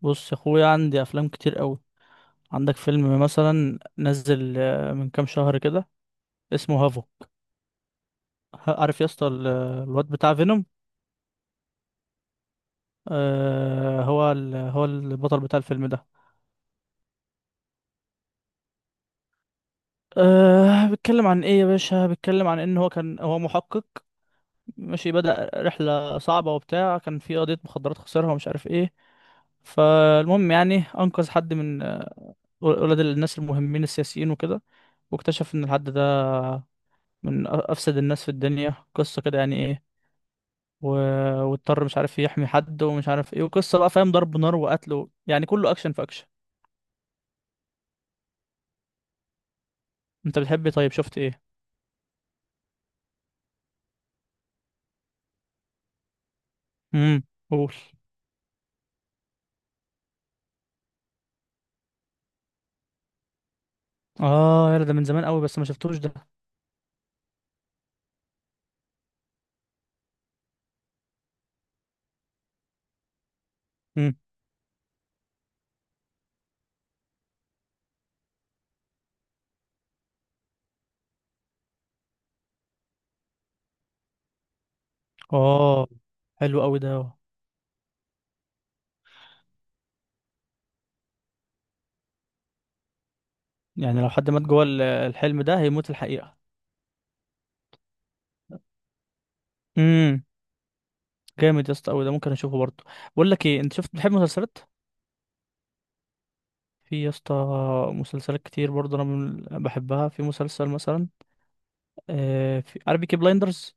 بص يا اخويا، عندي افلام كتير قوي. عندك فيلم مثلا نزل من كام شهر كده، اسمه هافو. عارف يا اسطى الواد بتاع فينوم، هو هو البطل بتاع الفيلم ده. بيتكلم عن ايه يا باشا؟ بيتكلم عن ان هو كان، هو محقق، ماشي، بدأ رحلة صعبة وبتاع. كان في قضية مخدرات خسرها ومش عارف ايه. فالمهم يعني انقذ حد من ولاد الناس المهمين السياسيين وكده، واكتشف ان الحد ده من افسد الناس في الدنيا. قصة كده يعني، ايه، و... واضطر مش عارف يحمي حد ومش عارف ايه، وقصة بقى فاهم، ضرب نار وقتل يعني كله اكشن في اكشن. انت بتحب إيه؟ طيب شفت ايه؟ امم قول. اه يلا، ده من زمان قوي بس ما شفتوش ده. امم. اه، حلو قوي ده. يعني لو حد مات جوه الحلم ده، هيموت الحقيقة. امم. جامد يا اسطى قوي ده، ممكن اشوفه برضه. بقول لك ايه، انت شفت، بتحب مسلسلات؟ في يا اسطى مسلسلات كتير برضه، انا بحبها. في مسلسل مثلا في، عارف بيكي بلايندرز.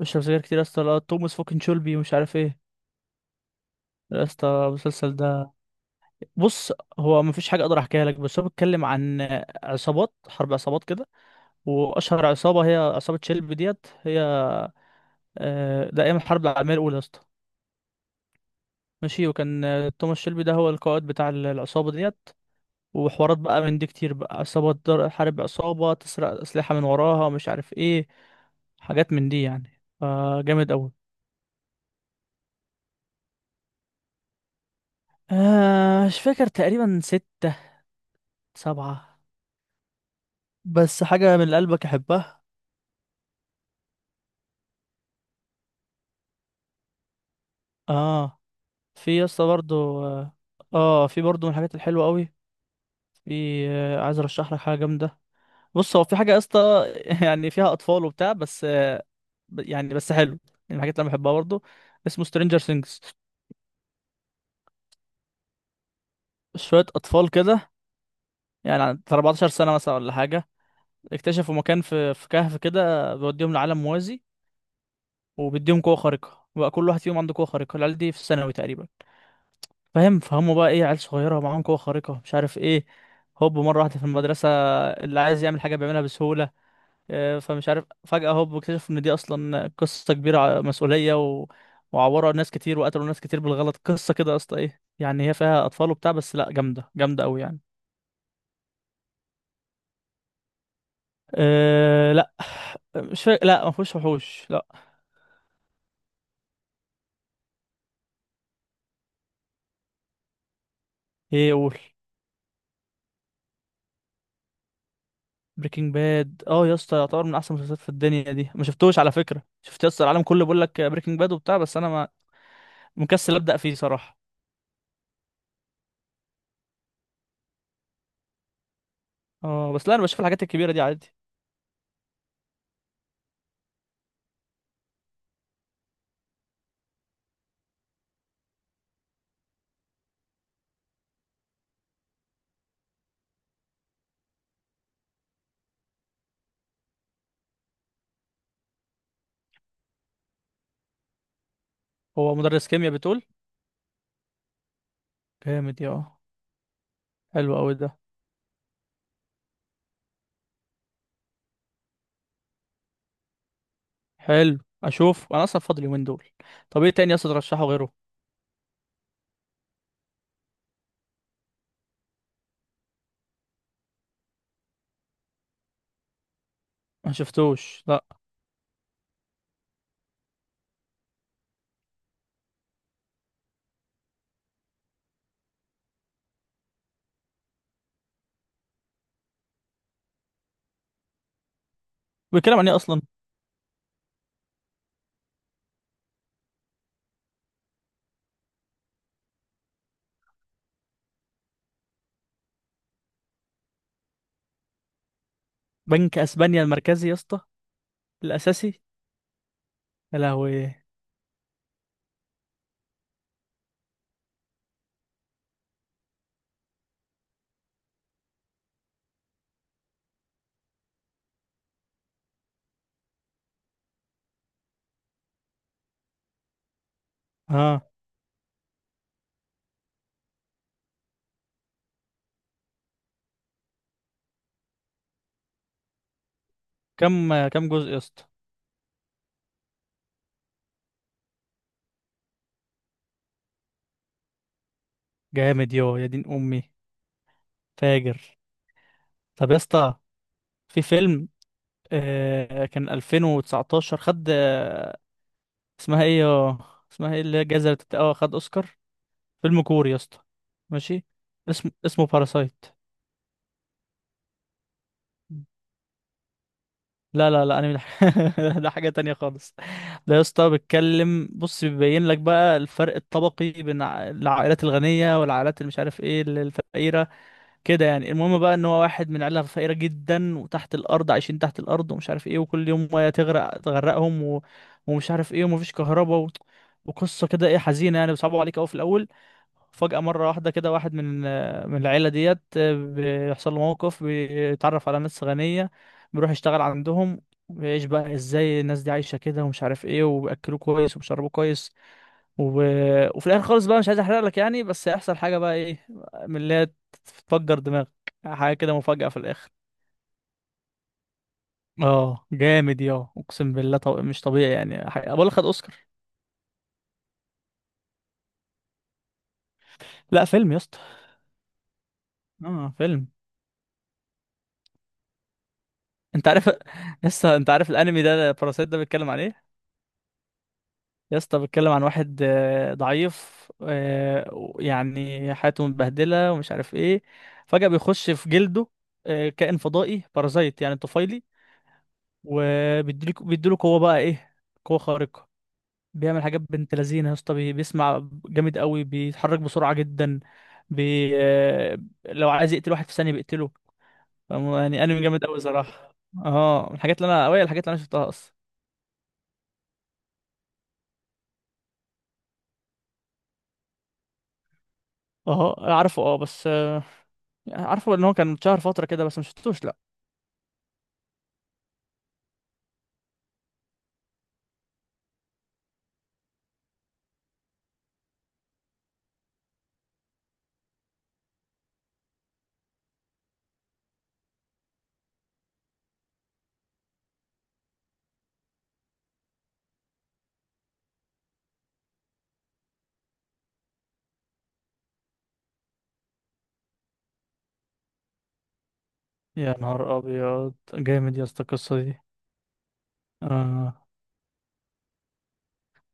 اشرب سجاير كتير يا اسطى؟ لا، توماس فوكن شولبي ومش عارف ايه. يا اسطى المسلسل ده، بص، هو مفيش حاجه اقدر احكيها لك، بس هو بيتكلم عن عصابات، حرب عصابات كده. واشهر عصابه هي عصابه شيلبي ديت هي، ده ايام الحرب العالميه الاولى يا اسطى. ماشي، وكان توماس شيلبي ده هو القائد بتاع العصابه ديت. وحوارات بقى من دي كتير، بقى عصابه تحارب عصابه، تسرق اسلحه من وراها مش عارف ايه، حاجات من دي يعني، فجامد قوي. مش فاكر، تقريبا ستة، سبعة. بس حاجة من اللي قلبك أحبها. آه في يا اسطى برضه. اه، في برضه من الحاجات الحلوه قوي. في عايز ارشح لك حاجه جامده. بص هو في حاجه يا اسطى، يعني فيها اطفال وبتاع بس يعني بس حلو يعني، من الحاجات اللي انا بحبها برضه. اسمه سترينجر سينجز. شويه اطفال كده يعني، عند 14 سنه مثلا ولا حاجه، اكتشفوا مكان في كهف كده بيوديهم لعالم موازي، وبيديهم قوه خارقه بقى، كل واحد فيهم عنده قوه خارقه، العيال دي في الثانوي تقريبا. فاهم، فهموا بقى ايه، عيال صغيره معاهم قوه خارقه مش عارف ايه. هوب مره واحده في المدرسه اللي عايز يعمل حاجه بيعملها بسهوله. فمش عارف، فجاه هوب اكتشف ان دي اصلا قصه كبيره، مسؤوليه، وعوروا ناس كتير وقتلوا ناس كتير بالغلط. قصه كده يا اسطى، ايه يعني، هي فيها اطفال وبتاع بس لا، جامده جامده قوي يعني. أه لا، مش فا... لا، ما فيهوش وحوش، لا. ايه، قول. بريكنج باد، اه يا اسطى، يعتبر من احسن المسلسلات في الدنيا دي، ما شفتوش. على فكره، شفت يا اسطى العالم كله بيقول لك بريكنج باد وبتاع، بس انا مكسل ابدا فيه صراحه. اه، بس لا، انا بشوف الحاجات الكبيره دي عادي. هو مدرس كيمياء بتقول؟ جامد، يا اه، حلو قوي ده. حلو. اشوف، انا اصلا فاضل يومين دول. طب ايه تاني يا اسطى ترشحه غيره؟ ما شفتوش لا. بيتكلم عن ايه اصلا؟ بنك اسبانيا المركزي يا اسطى؟ الاساسي؟ يا لهوي. اه. كم جزء يا اسطى؟ جامد، يو يا دين امي، فاجر. طب يا اسطى، في فيلم كان 2019، خد، اسمها ايه يا، اسمها ايه اللي هي الجايزه اللي اه، خد اوسكار. فيلم كوري يا اسطى، ماشي، اسمه باراسايت. لا لا لا، انا من ده حاجة تانية خالص. ده يا اسطى بيتكلم، بص، بيبين لك بقى الفرق الطبقي بين العائلات الغنية والعائلات اللي مش عارف ايه الفقيرة، كده يعني. المهم بقى ان هو واحد من عائلة فقيرة جدا، وتحت الارض عايشين تحت الارض ومش عارف ايه، وكل يوم ميه تغرقهم ومش عارف ايه ومفيش كهرباء وقصة كده ايه، حزينة يعني، بيصعبوا عليك قوي في الاول. فجأة مرة واحدة كده واحد من العيلة ديت بيحصل له موقف، بيتعرف على ناس غنية، بيروح يشتغل عندهم، بيعيش بقى ازاي الناس دي عايشة كده ومش عارف ايه، وبيأكلوه كويس وبيشربوه كويس و... وفي الآخر خالص بقى، مش عايز احرق لك يعني، بس هيحصل حاجة بقى ايه، من اللي هي تفجر دماغك، حاجة كده مفاجأة في الآخر. اه جامد، يا اقسم بالله، مش طبيعي يعني، حاجة بقول لك، خد اوسكار. لا فيلم يا اسطى. اه، فيلم. انت عارف لسه انت عارف الانمي ده باراسايت ده بيتكلم عن ايه؟ يا اسطى بتكلم عن واحد ضعيف، يعني حياته متبهدلة ومش عارف ايه. فجأة بيخش في جلده كائن فضائي بارازايت يعني طفيلي، وبيديله قوة بقى ايه، قوة خارقة. بيعمل حاجات بنت لذينة يا اسطى، بيسمع جامد قوي، بيتحرك بسرعة جدا، بي آه، لو عايز يقتل واحد في ثانية بيقتله. يعني انمي جامد قوي صراحة. اه، من الحاجات اللي انا اوي، الحاجات اللي انا شفتها اصلا. اه عارفه. اه بس عارفه ان هو كان اتشهر فترة كده، بس مشفتوش. يا نهار ابيض، جامد يا اسطى القصه دي. آه.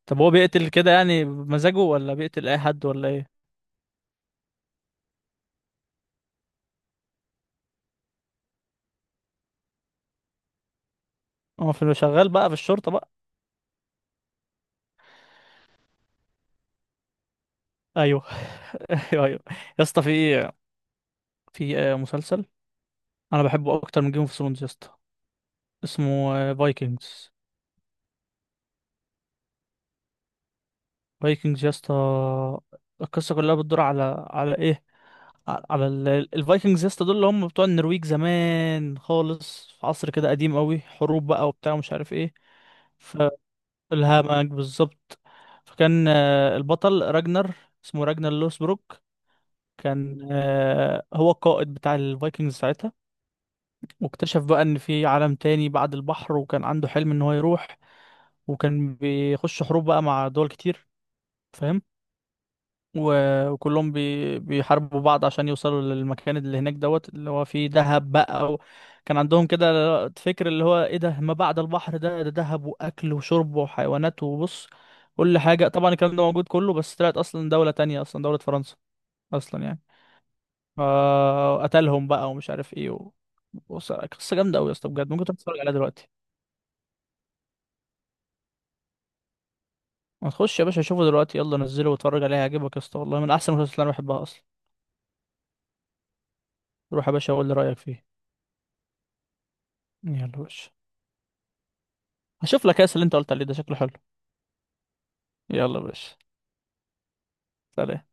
طب هو بيقتل كده يعني بمزاجه، ولا بيقتل اي حد ولا ايه؟ هو في، شغال بقى في الشرطه بقى؟ ايوه، ايوه ايوه. يا اسطى في، مسلسل انا بحبه اكتر من جيم اوف ثرونز يا اسطى، اسمه فايكنجز. فايكنجز يا اسطى، القصه كلها بتدور على، على ايه؟ على الفايكنجز يا اسطى، دول اللي هم بتوع النرويج زمان خالص، في عصر كده قديم قوي، حروب بقى وبتاع ومش عارف ايه. الهامك بالظبط. فكان البطل راجنر، اسمه راجنر لوسبروك. كان هو القائد بتاع الفايكنجز ساعتها. واكتشف بقى ان في عالم تاني بعد البحر، وكان عنده حلم ان هو يروح، وكان بيخش حروب بقى مع دول كتير، فاهم. وكلهم بيحاربوا بعض عشان يوصلوا للمكان اللي هناك دوت، اللي هو فيه دهب بقى كان عندهم كده فكر اللي هو ايه، ده ما بعد البحر ده دهب واكل وشرب وحيوانات وبص، كل حاجة. طبعا الكلام ده موجود كله، بس طلعت اصلا دولة تانية، اصلا دولة فرنسا اصلا يعني. فقتلهم بقى ومش عارف ايه بص، قصة جامدة أوي يا اسطى، بجد ممكن تروح تتفرج عليها دلوقتي. ما تخش يا باشا، شوفه دلوقتي، يلا نزله واتفرج عليه، هيعجبك يا اسطى، والله من أحسن المسلسلات اللي أنا بحبها أصلا. روح يا باشا، قول لي رأيك فيه. يلا يا باشا. هشوف لك كاس اللي انت قلت عليه ده، شكله حلو. يلا يا باشا. سلام.